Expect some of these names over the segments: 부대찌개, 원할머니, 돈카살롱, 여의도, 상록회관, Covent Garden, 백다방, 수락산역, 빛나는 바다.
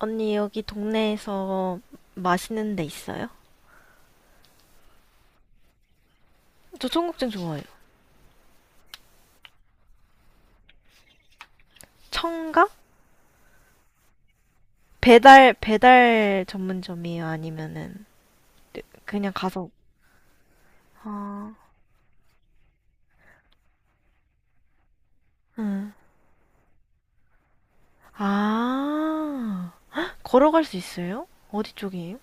언니, 여기 동네에서 맛있는 데 있어요? 저 청국장 좋아해요. 청가? 배달 전문점이에요? 아니면은, 그냥 가서, 아, 응. 아, 헉, 걸어갈 수 있어요? 어디 쪽이에요?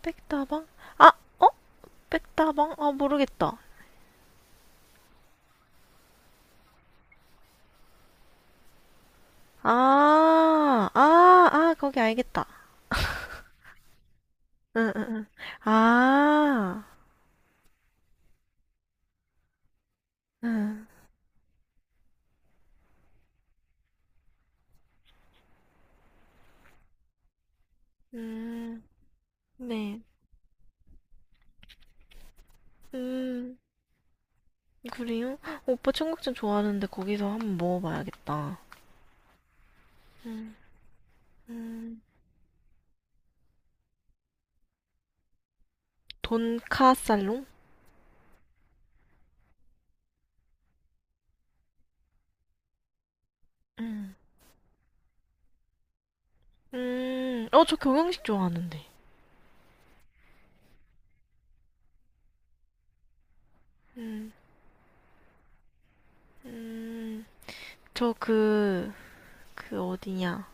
백다방? 아, 어? 백다방? 아, 모르겠다. 아, 아, 아, 거기 알겠다. 응, 응, 응. 아, 응. 음, 네. 음. 그래요? 오빠 청국장 좋아하는데 거기서 한번 먹어봐야겠다. 음, 음, 돈카살롱? 음, 어, 저 경양식 좋아하는데. 음, 음, 저 그, 그 어디냐.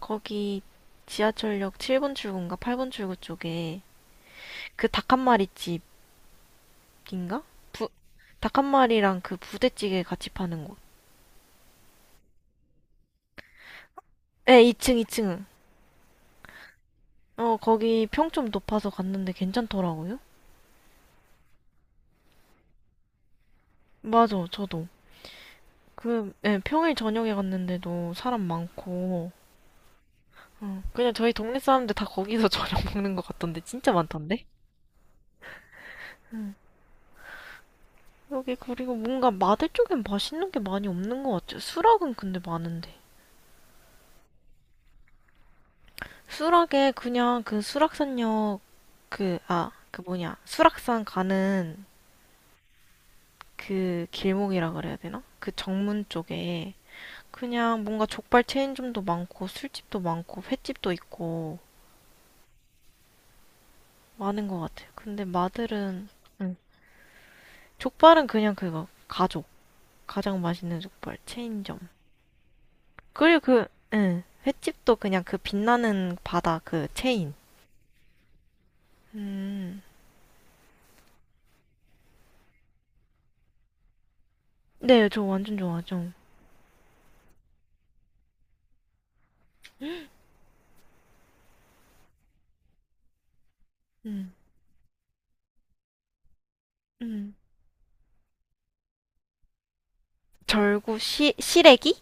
거기 지하철역 7번 출구인가 8번 출구 쪽에 그 닭한 마리 집인가? 부, 닭한 마리랑 그 부대찌개 같이 파는 곳. 에, 2층. 어, 거기 평점 높아서 갔는데 괜찮더라고요. 맞아, 저도. 그, 예, 평일 저녁에 갔는데도 사람 많고, 어, 그냥 저희 동네 사람들 다 거기서 저녁 먹는 것 같던데, 진짜 많던데? 응. 여기 그리고 뭔가 마들 쪽엔 맛있는 게 많이 없는 것 같아요. 수락은 근데 많은데. 수락에 그냥 그 수락산역, 그, 아, 그 뭐냐, 수락산 가는 그 길목이라 그래야 되나? 그 정문 쪽에 그냥 뭔가 족발 체인점도 많고 술집도 많고 횟집도 있고 많은 것 같아요. 근데 마들은 응. 족발은 그냥 그거 가족 가장 맛있는 족발 체인점. 그리고 그 응, 횟집도 그냥 그 빛나는 바다 그 체인. 음, 네, 저 완전 좋아하죠. 음, 음. 절구 시래기?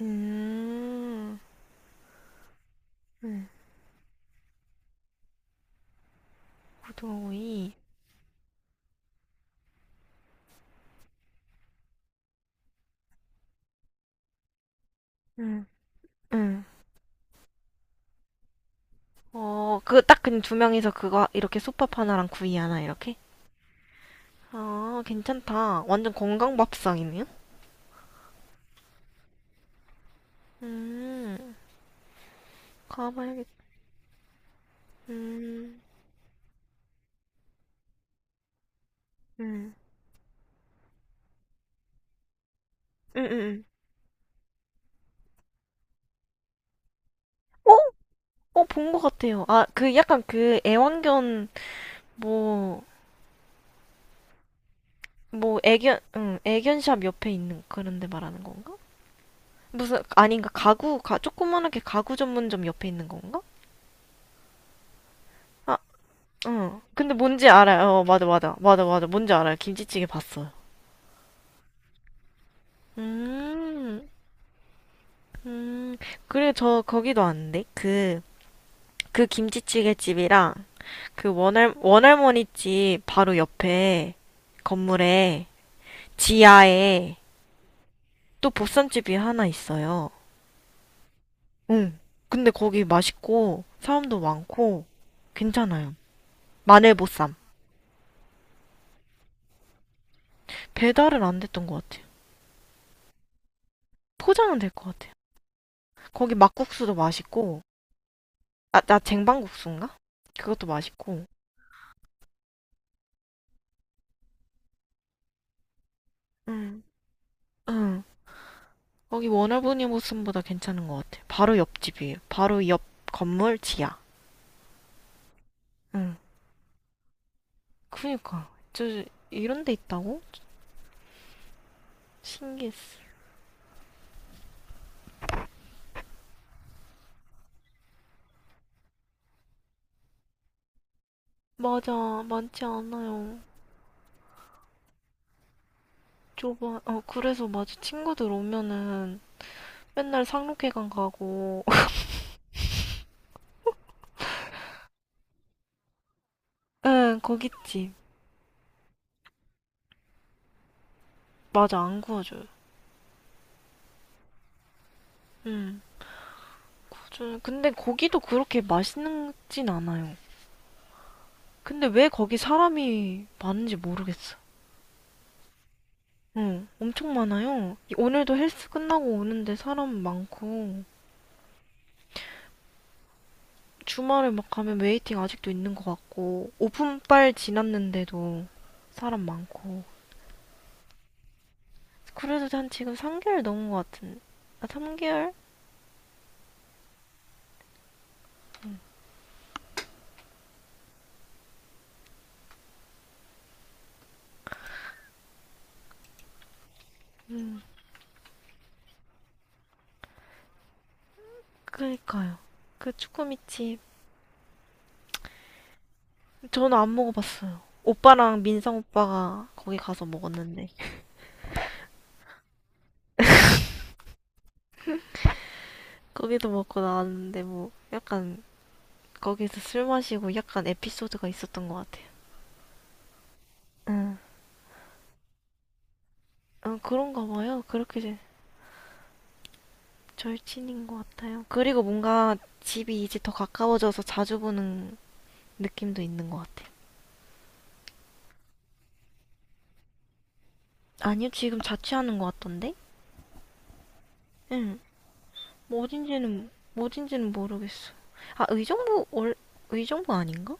음, 음, 고등어구이. 음, 음. 어, 그 딱 그냥 두 명이서 그거 이렇게 솥밥 하나랑 구이 하나 이렇게. 아, 괜찮다. 완전 건강 밥상이네요. 음, 가봐야겠다. 음, 음, 음, 음, 음. 어, 본 것 같아요. 아, 그 약간 그 애완견 뭐, 응, 애견샵 옆에 있는 그런 데 말하는 건가? 무슨 아닌가? 조그만하게 가구 전문점 옆에 있는 건가? 아, 응. 근데 뭔지 알아요. 어, 맞아, 맞아, 맞아, 맞아. 뭔지 알아요. 김치찌개 봤어요. 음, 음. 그래, 저 거기도 왔는데 그, 그 김치찌개 집이랑 그 원할머니 집 바로 옆에 건물에 지하에 또 보쌈집이 하나 있어요. 응. 근데 거기 맛있고 사람도 많고 괜찮아요. 마늘 보쌈. 배달은 안 됐던 것 같아요. 포장은 될 것 같아요. 거기 막국수도 맛있고. 아, 나 쟁반국수인가? 그것도 맛있고. 응. 응. 거기 워너브니 보쌈보다 괜찮은 것 같아요. 바로 옆집이에요. 바로 옆 건물 지하. 응. 그니까. 저 이런 데 있다고? 신기했어. 맞아. 많지 않아요. 좁아. 어, 그래서 맞아. 친구들 오면은 맨날 상록회관 가고. 응, 거기집. 맞아, 안 구워줘요. 응. 맞아요. 근데 거기도 그렇게 맛있진 않아요. 근데 왜 거기 사람이 많은지 모르겠어. 응, 엄청 많아요. 오늘도 헬스 끝나고 오는데 사람 많고. 주말에 막 가면 웨이팅 아직도 있는 것 같고. 오픈빨 지났는데도 사람 많고. 그래도 난 지금 3개월 넘은 것 같은. 아, 3개월? 음. 그니까요. 그 쭈꾸미집 저는 안 먹어봤어요. 오빠랑 민성 오빠가 거기 가서 먹었는데 거기도 먹고 나왔는데 뭐 약간 거기서 술 마시고 약간 에피소드가 있었던 것 같아요. 응, 응, 그런가 봐요. 그렇게 이제 절친인 것 같아요. 그리고 뭔가 집이 이제 더 가까워져서 자주 보는 느낌도 있는 것 같아요. 아니요, 지금 자취하는 것 같던데? 응, 뭐 어딘지는 모르겠어. 아, 의정부 아닌가?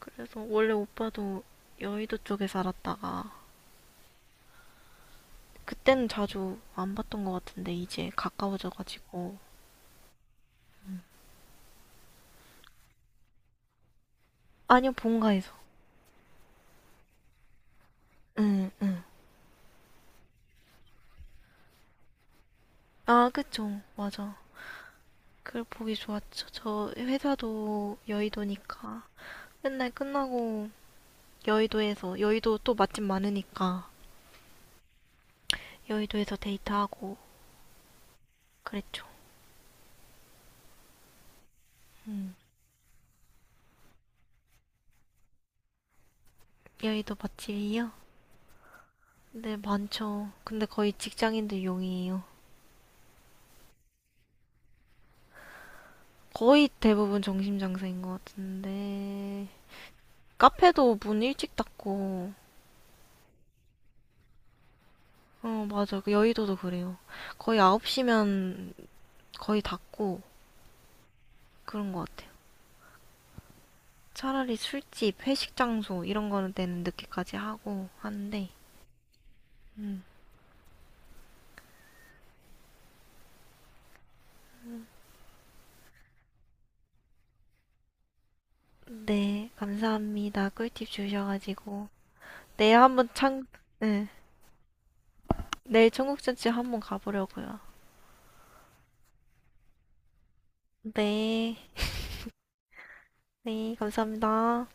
그래서 원래 오빠도 여의도 쪽에 살았다가 그때는 자주 안 봤던 것 같은데 이제 가까워져가지고 아니요 본가에서 응 응. 아 그쵸 맞아. 그걸 보기 좋았죠. 저 회사도 여의도니까 맨날 끝나고 여의도에서 여의도 또 맛집 많으니까 여의도에서 데이트하고 그랬죠. 음. 여의도 맛집이요? 네 많죠. 근데 거의 직장인들 용이에요. 거의 대부분 정신장사인 것 같은데 카페도 문 일찍 닫고, 어, 맞아. 그 여의도도 그래요. 거의 9시면 거의 닫고 그런 것 같아요. 차라리 술집, 회식 장소 이런 거는 때는 늦게까지 하고 하는데, 음. 네, 감사합니다. 꿀팁 주셔가지고. 내일 한번 창, 네. 내일 청국전집 한번 가보려고요. 네, 네, 감사합니다.